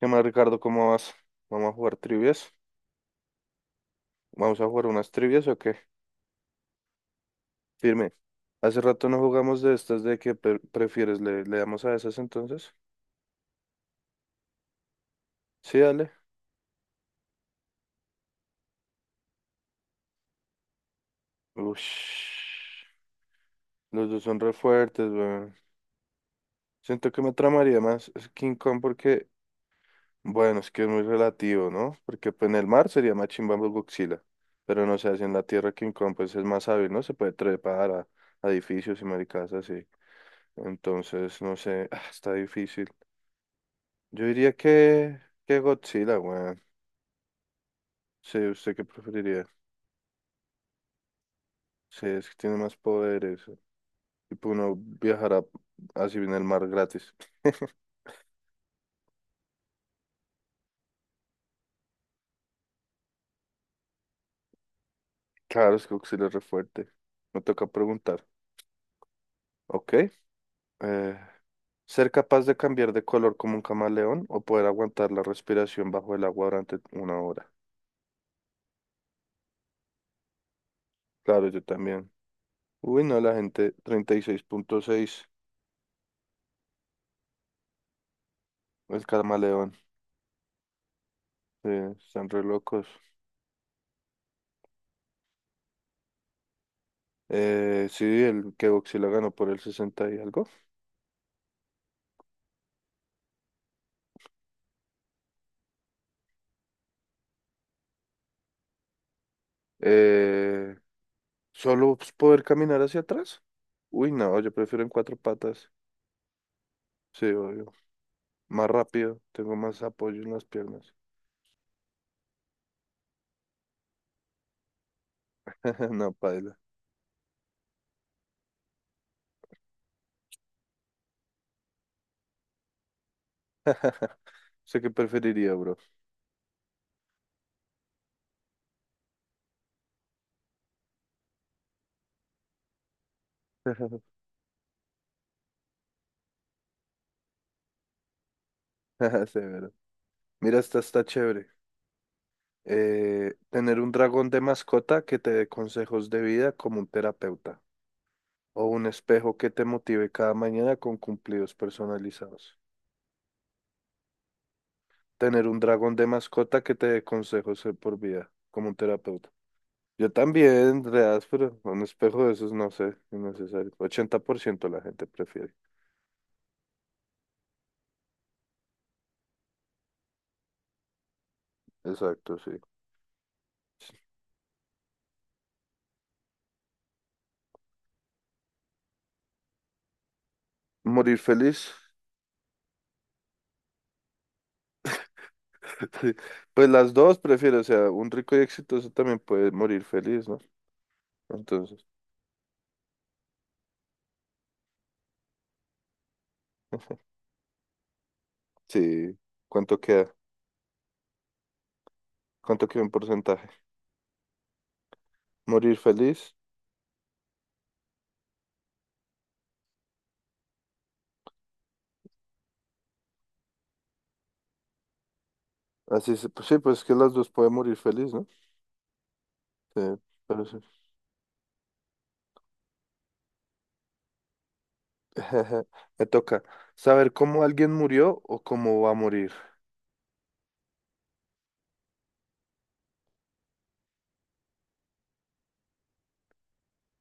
¿Qué más, Ricardo? ¿Cómo vas? ¿Vamos a jugar trivias? ¿Vamos a jugar unas trivias o qué? Firme. Hace rato no jugamos de estas, ¿de qué prefieres? ¿Le damos a esas entonces? Sí, dale. Ush. Los dos son re fuertes, weón. Siento que me tramaría más es King Kong porque, bueno, es que es muy relativo, ¿no? Porque pues, en el mar sería más chimba Godzilla. Pero no sé, así en la tierra King Kong pues es más hábil, ¿no? Se puede trepar a edificios y maricas así. Entonces, no sé, ah, está difícil. Yo diría que Godzilla, weón. Sí, ¿usted qué preferiría? Sí, es que tiene más poderes. Y pues uno viajará así en el mar gratis. Claro, es que Godzilla es re fuerte. Me toca preguntar. Ok. eh, ¿Ser capaz de cambiar de color como un camaleón o poder aguantar la respiración bajo el agua durante una hora? Claro, yo también. Uy, no, la gente 36,6 el camaleón. Están re locos. Sí, el que Godzilla ganó por el 60 y algo. Eh, Solo pues, poder caminar hacia atrás. Uy, no, yo prefiero en cuatro patas. Sí, obvio. Más rápido, tengo más apoyo en las piernas. No, paila. Sé qué preferiría, bro. Severo. Mira, esta está chévere. Tener un dragón de mascota que te dé consejos de vida como un terapeuta. O un espejo que te motive cada mañana con cumplidos personalizados. Tener un dragón de mascota que te dé consejos de por vida como un terapeuta. Yo también, reas, pero un espejo de esos no sé, innecesario. 80% la gente prefiere. Exacto, sí. Morir feliz. Pues las dos prefiero, o sea, un rico y exitoso también puede morir feliz, ¿no? Entonces, sí, ¿cuánto queda? ¿Cuánto queda en porcentaje? Morir feliz. Así se, pues sí, pues es que las dos pueden morir feliz, ¿no? Sí, pero sí. Me toca saber cómo alguien murió o cómo va a morir.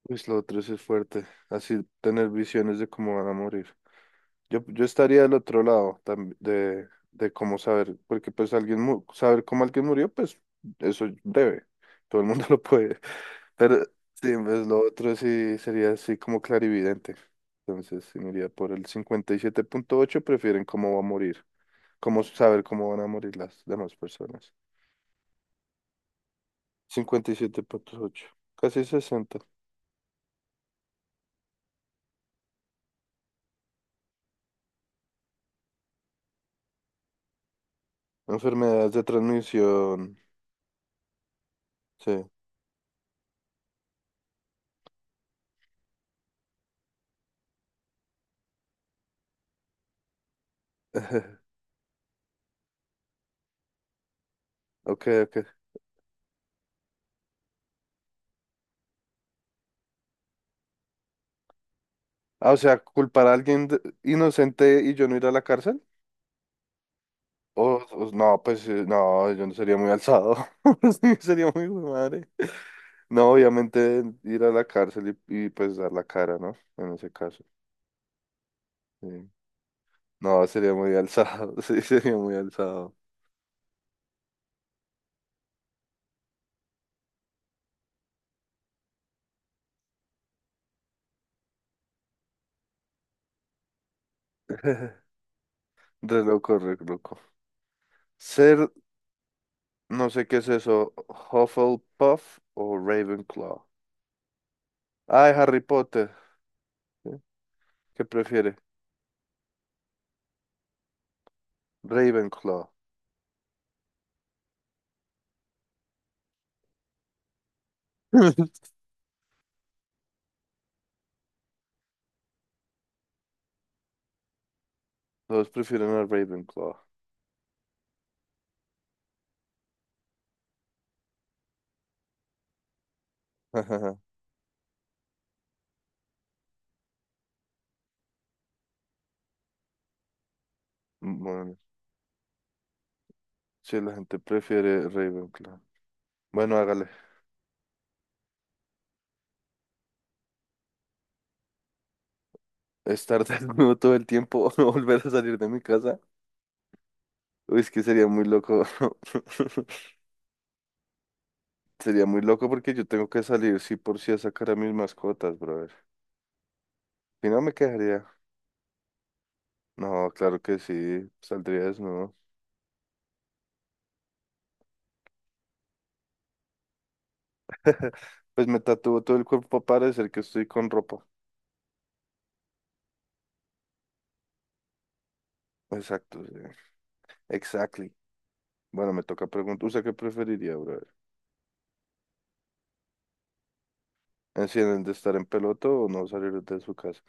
Pues lo otro sí es fuerte, así tener visiones de cómo van a morir. Yo estaría del otro lado de cómo saber, porque pues alguien saber cómo alguien murió, pues eso debe, todo el mundo lo puede. Pero sí, pues lo otro sí sería así como clarividente. Entonces, sí, me iría por el 57,8 prefieren cómo va a morir, cómo saber cómo van a morir las demás personas. 57,8, casi sesenta. Enfermedades de transmisión, sí. Ok, ok. Ah, o sea, culpar a alguien inocente y yo no ir a la cárcel. No, pues no, yo no sería muy alzado. Sí, sería muy hijo de madre. No, obviamente ir a la cárcel pues dar la cara, ¿no? En ese caso. Sí. No, sería muy alzado. Sí, sería muy alzado. Re loco, re loco. Ser, no sé qué es eso, Hufflepuff o Ravenclaw. Ay, Harry Potter. ¿Sí? ¿Qué prefiere? Ravenclaw. Todos prefieren a Ravenclaw. Bueno, sí, la gente prefiere Ravenclaw. Bueno, hágale. Estar desnudo todo el tiempo o no volver a salir de mi casa. Uy, es que sería muy loco. Sería muy loco porque yo tengo que salir sí por sí a sacar a mis mascotas, brother. Si no me quedaría. No, claro que sí. Saldría desnudo. Pues me tatúo todo el cuerpo para parecer que estoy con ropa. Exacto, sí. Exactly. Bueno, me toca preguntar. ¿Usted qué preferiría, brother? Deciden de estar en peloto o no salir de su casa.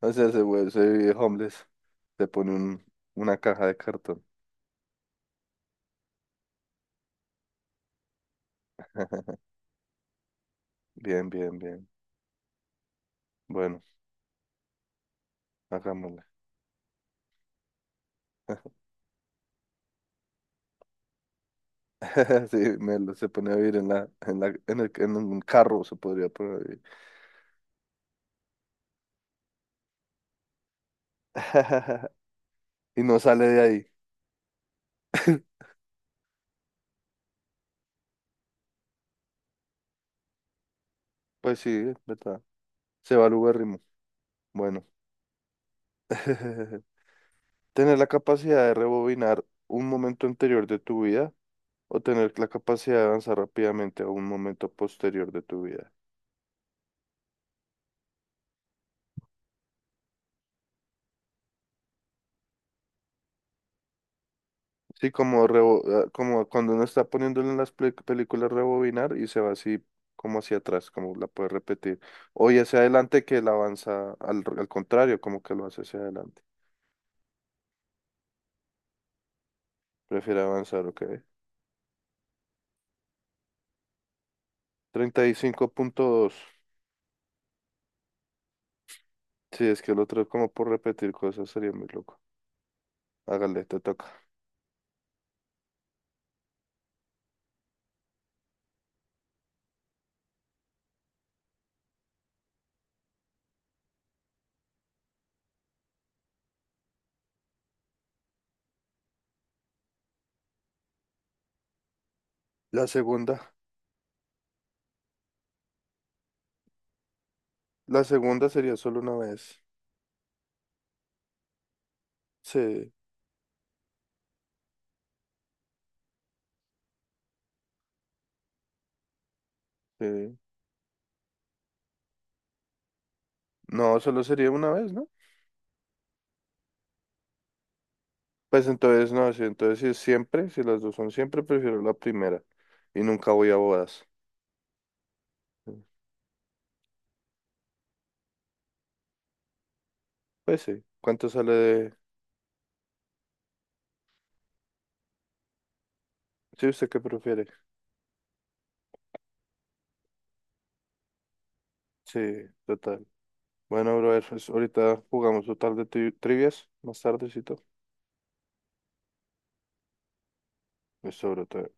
O sea, se vuelve, se vive homeless. Se pone una caja de cartón. Bien, bien, bien. Bueno, hagámosle. Sí, me se pone a vivir en la, en la, en el- en un carro se podría poner a vivir. Y no sale de ahí. Pues sí, es ¿verdad? Se va al uberrimo. Bueno. Tener la capacidad de rebobinar un momento anterior de tu vida o tener la capacidad de avanzar rápidamente a un momento posterior de tu vida. Sí, como, ah, como cuando uno está poniéndole en las películas rebobinar y se va así como hacia atrás, como la puede repetir. O ya hacia adelante que la avanza al contrario, como que lo hace hacia adelante. Prefiere avanzar, ok. 35,2. Sí, es que el otro es como por repetir cosas sería muy loco. Hágale, te toca. La segunda. La segunda sería solo una vez. Sí, sí. No, solo sería una vez, ¿no? Pues entonces no, sí, entonces si es siempre, si las dos son siempre, prefiero la primera y nunca voy a bodas. Pues sí, ¿cuánto sale de...? Sí, ¿usted qué prefiere? Sí, total. Bueno, brother, pues ahorita jugamos total de trivias, más tardecito. Eso, brother.